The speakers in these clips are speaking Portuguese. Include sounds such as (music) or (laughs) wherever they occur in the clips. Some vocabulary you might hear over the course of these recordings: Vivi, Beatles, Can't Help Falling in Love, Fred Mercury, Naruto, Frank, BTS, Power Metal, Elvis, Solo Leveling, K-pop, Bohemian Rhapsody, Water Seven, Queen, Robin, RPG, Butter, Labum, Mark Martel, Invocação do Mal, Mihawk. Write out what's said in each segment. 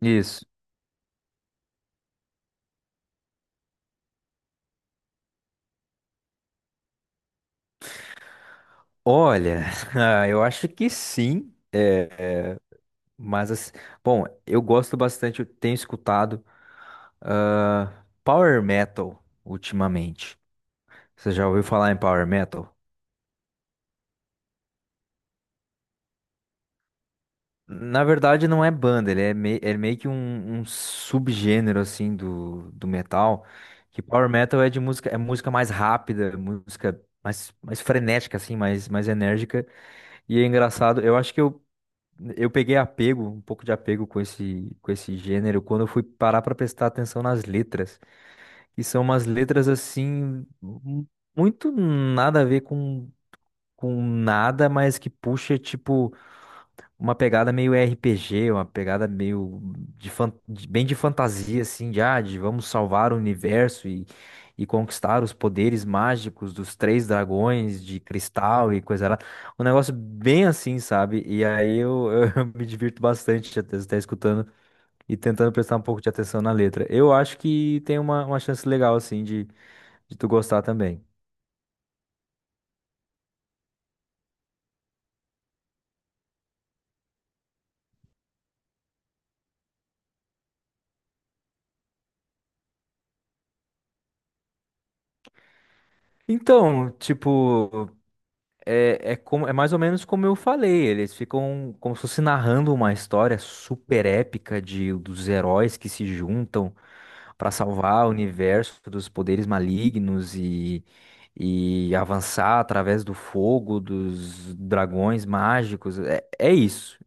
Isso. Olha, (laughs) eu acho que sim, mas assim, eu gosto bastante, eu tenho escutado Power Metal ultimamente. Você já ouviu falar em Power Metal? Na verdade, não é banda, é meio que um subgênero assim do metal. Que Power Metal é de música, é música mais rápida, mais frenética assim, mais enérgica. E é engraçado, eu acho que eu peguei um pouco de apego com com esse gênero, quando eu fui parar para prestar atenção nas letras, que são umas letras assim, muito nada a ver com nada, mas que puxa, tipo uma pegada meio RPG, uma pegada meio bem de fantasia, assim, de vamos salvar o universo e conquistar os poderes mágicos dos três dragões de cristal e coisa lá. Um negócio bem assim, sabe? E aí eu, (laughs) eu me divirto bastante até estar escutando e tentando prestar um pouco de atenção na letra. Eu acho que tem uma chance legal, assim, de tu gostar também. Então, tipo. É mais ou menos como eu falei, eles ficam como se fosse narrando uma história super épica de, dos heróis que se juntam para salvar o universo dos poderes malignos e avançar através do fogo, dos dragões mágicos. É, é isso.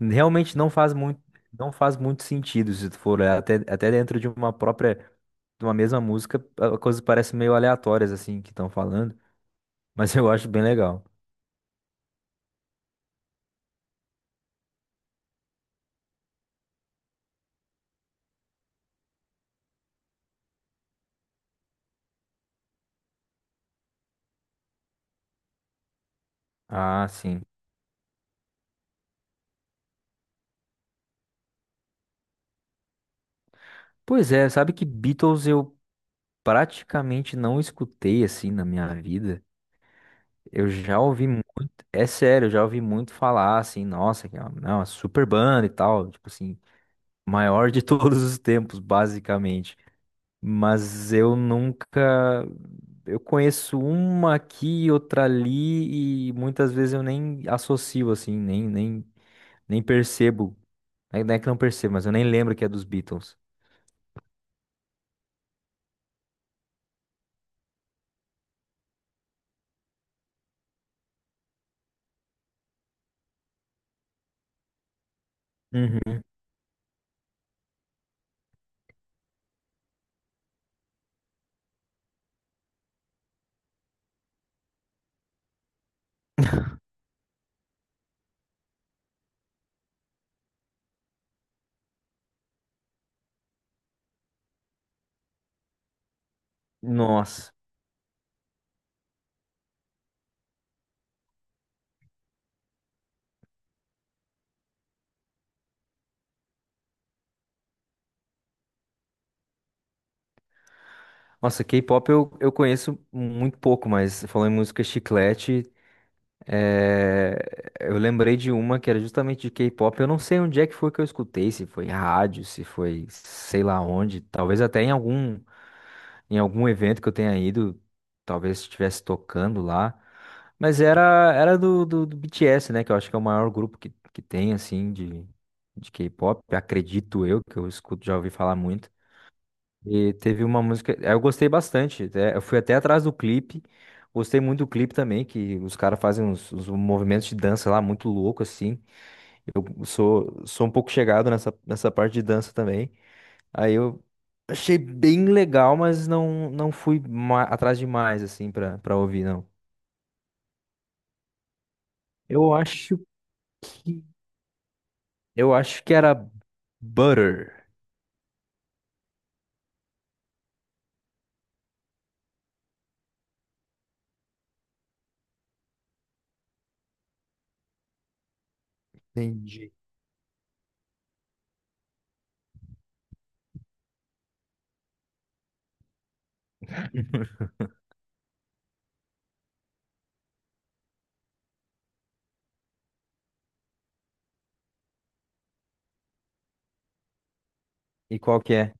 Realmente não faz muito, Não faz muito sentido se tu for olhar até dentro de uma própria, de uma mesma música, coisas parecem meio aleatórias assim que estão falando, mas eu acho bem legal. Ah, sim. Pois é, sabe que Beatles eu praticamente não escutei assim na minha vida. Eu já ouvi muito, é sério, eu já ouvi muito falar assim, nossa, que é uma super banda e tal, tipo assim, maior de (laughs) todos os tempos, basicamente. Mas eu nunca, Eu conheço uma aqui, outra ali e muitas vezes eu nem associo assim, nem percebo. Não é que não percebo, mas eu nem lembro que é dos Beatles. Uhum. Nossa. Nossa, K-pop eu conheço muito pouco, mas falando em música chiclete, é, eu lembrei de uma que era justamente de K-pop. Eu não sei onde é que foi que eu escutei, se foi rádio, se foi sei lá onde, talvez até em algum evento que eu tenha ido, talvez estivesse tocando lá. Mas era do BTS, né? Que eu acho que é o maior grupo que tem, assim, de K-pop. Acredito eu, que eu escuto, já ouvi falar muito. E teve uma música, é, eu gostei bastante, eu fui até atrás do clipe, gostei muito do clipe também, que os caras fazem uns movimentos de dança lá muito louco assim. Eu sou um pouco chegado nessa parte de dança também. Aí eu achei bem legal, mas não fui atrás demais assim pra ouvir, não. Eu acho que eu acho que era Butter. Entendi. (laughs) E qual que é?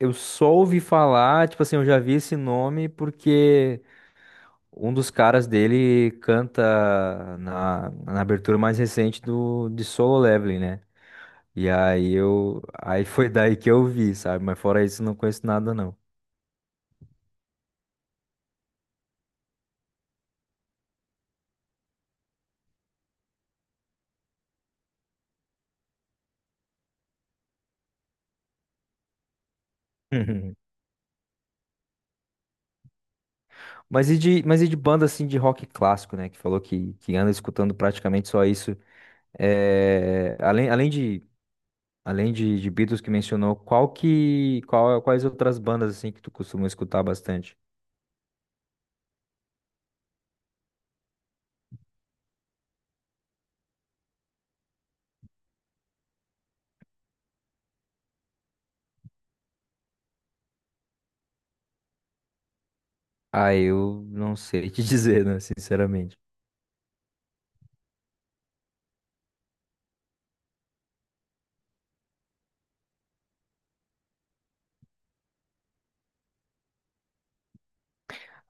Eu só ouvi falar, tipo assim, eu já vi esse nome porque um dos caras dele canta na abertura mais recente de Solo Leveling, né? Aí foi (laughs) daí que eu vi, sabe? Mas fora isso, não conheço nada, não. (laughs) Mas e de banda assim de rock clássico, né? Que falou que anda escutando praticamente só isso. Além de, além de Beatles que mencionou, quais outras bandas assim que tu costuma escutar bastante? Ah, eu não sei te (laughs) dizer, né, sinceramente.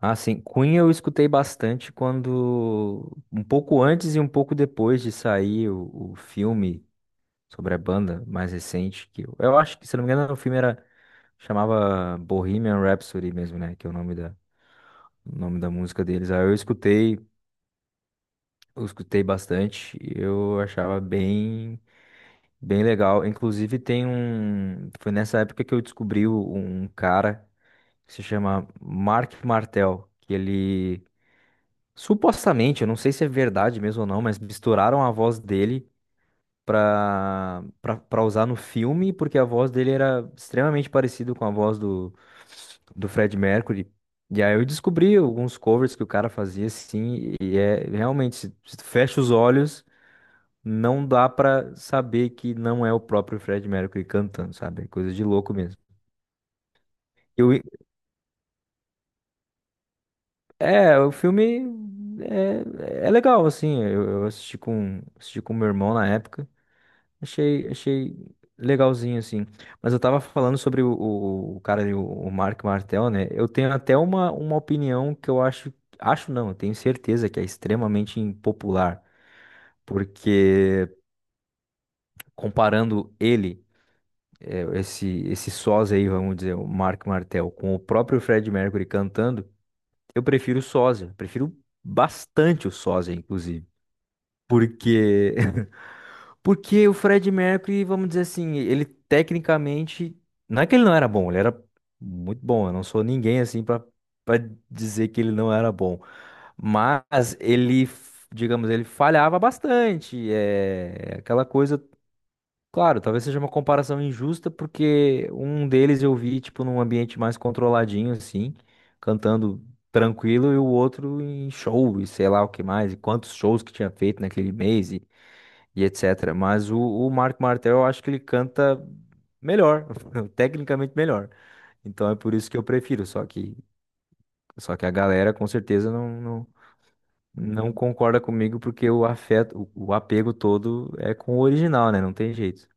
Ah, sim, Queen eu escutei bastante quando, um pouco antes e um pouco depois de sair o filme sobre a banda mais recente, eu acho que, se não me engano, chamava Bohemian Rhapsody mesmo, né, que é o nome o nome da música deles. Aí eu escutei bastante, e eu achava bem legal. Inclusive tem um. Foi nessa época que eu descobri um cara que se chama Mark Martel, que ele supostamente, eu não sei se é verdade mesmo ou não, mas misturaram a voz dele pra usar no filme, porque a voz dele era extremamente parecida com a voz do Fred Mercury. E aí eu descobri alguns covers que o cara fazia assim, e é realmente, se tu fecha os olhos não dá pra saber que não é o próprio Fred Mercury cantando, sabe? É coisa de louco mesmo. Eu, o filme é legal, assim. Eu assisti assisti com meu irmão na época. Achei legalzinho, assim. Mas eu tava falando sobre o cara, ali, o Mark Martel, né? Eu tenho até uma opinião que eu acho. Acho não, eu tenho certeza que é extremamente impopular. Porque comparando ele. Esse sós aí, vamos dizer, o Mark Martel, com o próprio Fred Mercury cantando, eu prefiro o sósia, prefiro bastante o sósia, inclusive. Porque, (laughs) porque o Fred Mercury, vamos dizer assim, ele tecnicamente, não é que ele não era bom, ele era muito bom, eu não sou ninguém assim para para dizer que ele não era bom, mas ele, digamos, ele falhava bastante, é aquela coisa. Claro, talvez seja uma comparação injusta, porque um deles eu vi, tipo, num ambiente mais controladinho, assim, cantando tranquilo, e o outro em show, e sei lá o que mais, e quantos shows que tinha feito naquele mês, e etc. Mas o Marco Martel, eu acho que ele canta melhor, (laughs) tecnicamente melhor. Então é por isso que eu prefiro, só que a galera com certeza não concorda comigo, porque o afeto, o apego todo é com o original, né? Não tem jeito.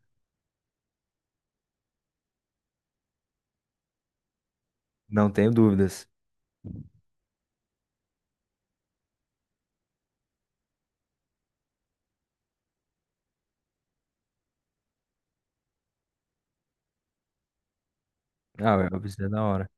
Não tenho dúvidas. Ah, o Elvis é da hora.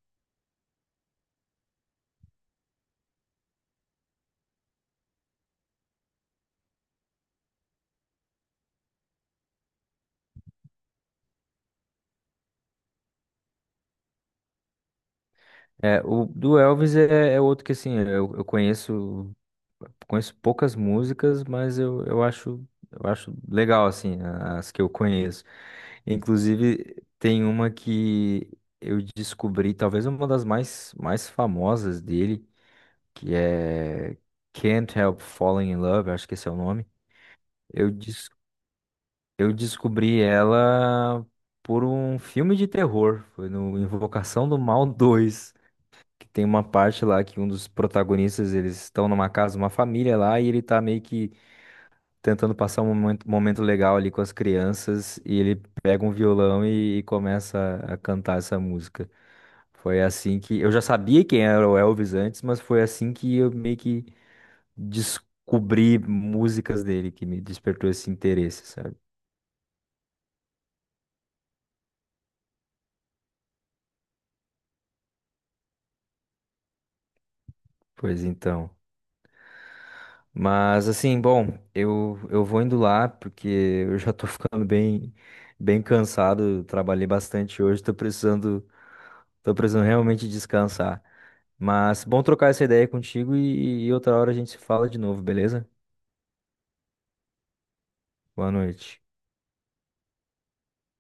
É, o do Elvis é, é outro que assim, eu conheço, conheço poucas músicas, mas eu acho legal assim, as que eu conheço. Inclusive tem uma que eu descobri, talvez uma das mais mais famosas dele, que é Can't Help Falling in Love, acho que esse é o nome. Eu des- eu descobri ela por um filme de terror, foi no Invocação do Mal 2. Que tem uma parte lá que um dos protagonistas, eles estão numa casa, uma família lá, e ele tá meio que tentando passar um momento legal ali com as crianças, e ele pega um violão e começa a cantar essa música. Foi assim que eu já sabia quem era o Elvis antes, mas foi assim que eu meio que descobri músicas dele que me despertou esse interesse, sabe? Pois então. Mas assim, bom, eu vou indo lá porque eu já tô (laughs) ficando bem cansado, trabalhei bastante hoje, tô precisando realmente descansar. Mas bom trocar essa ideia contigo e outra hora a gente se fala de novo, beleza? Boa noite.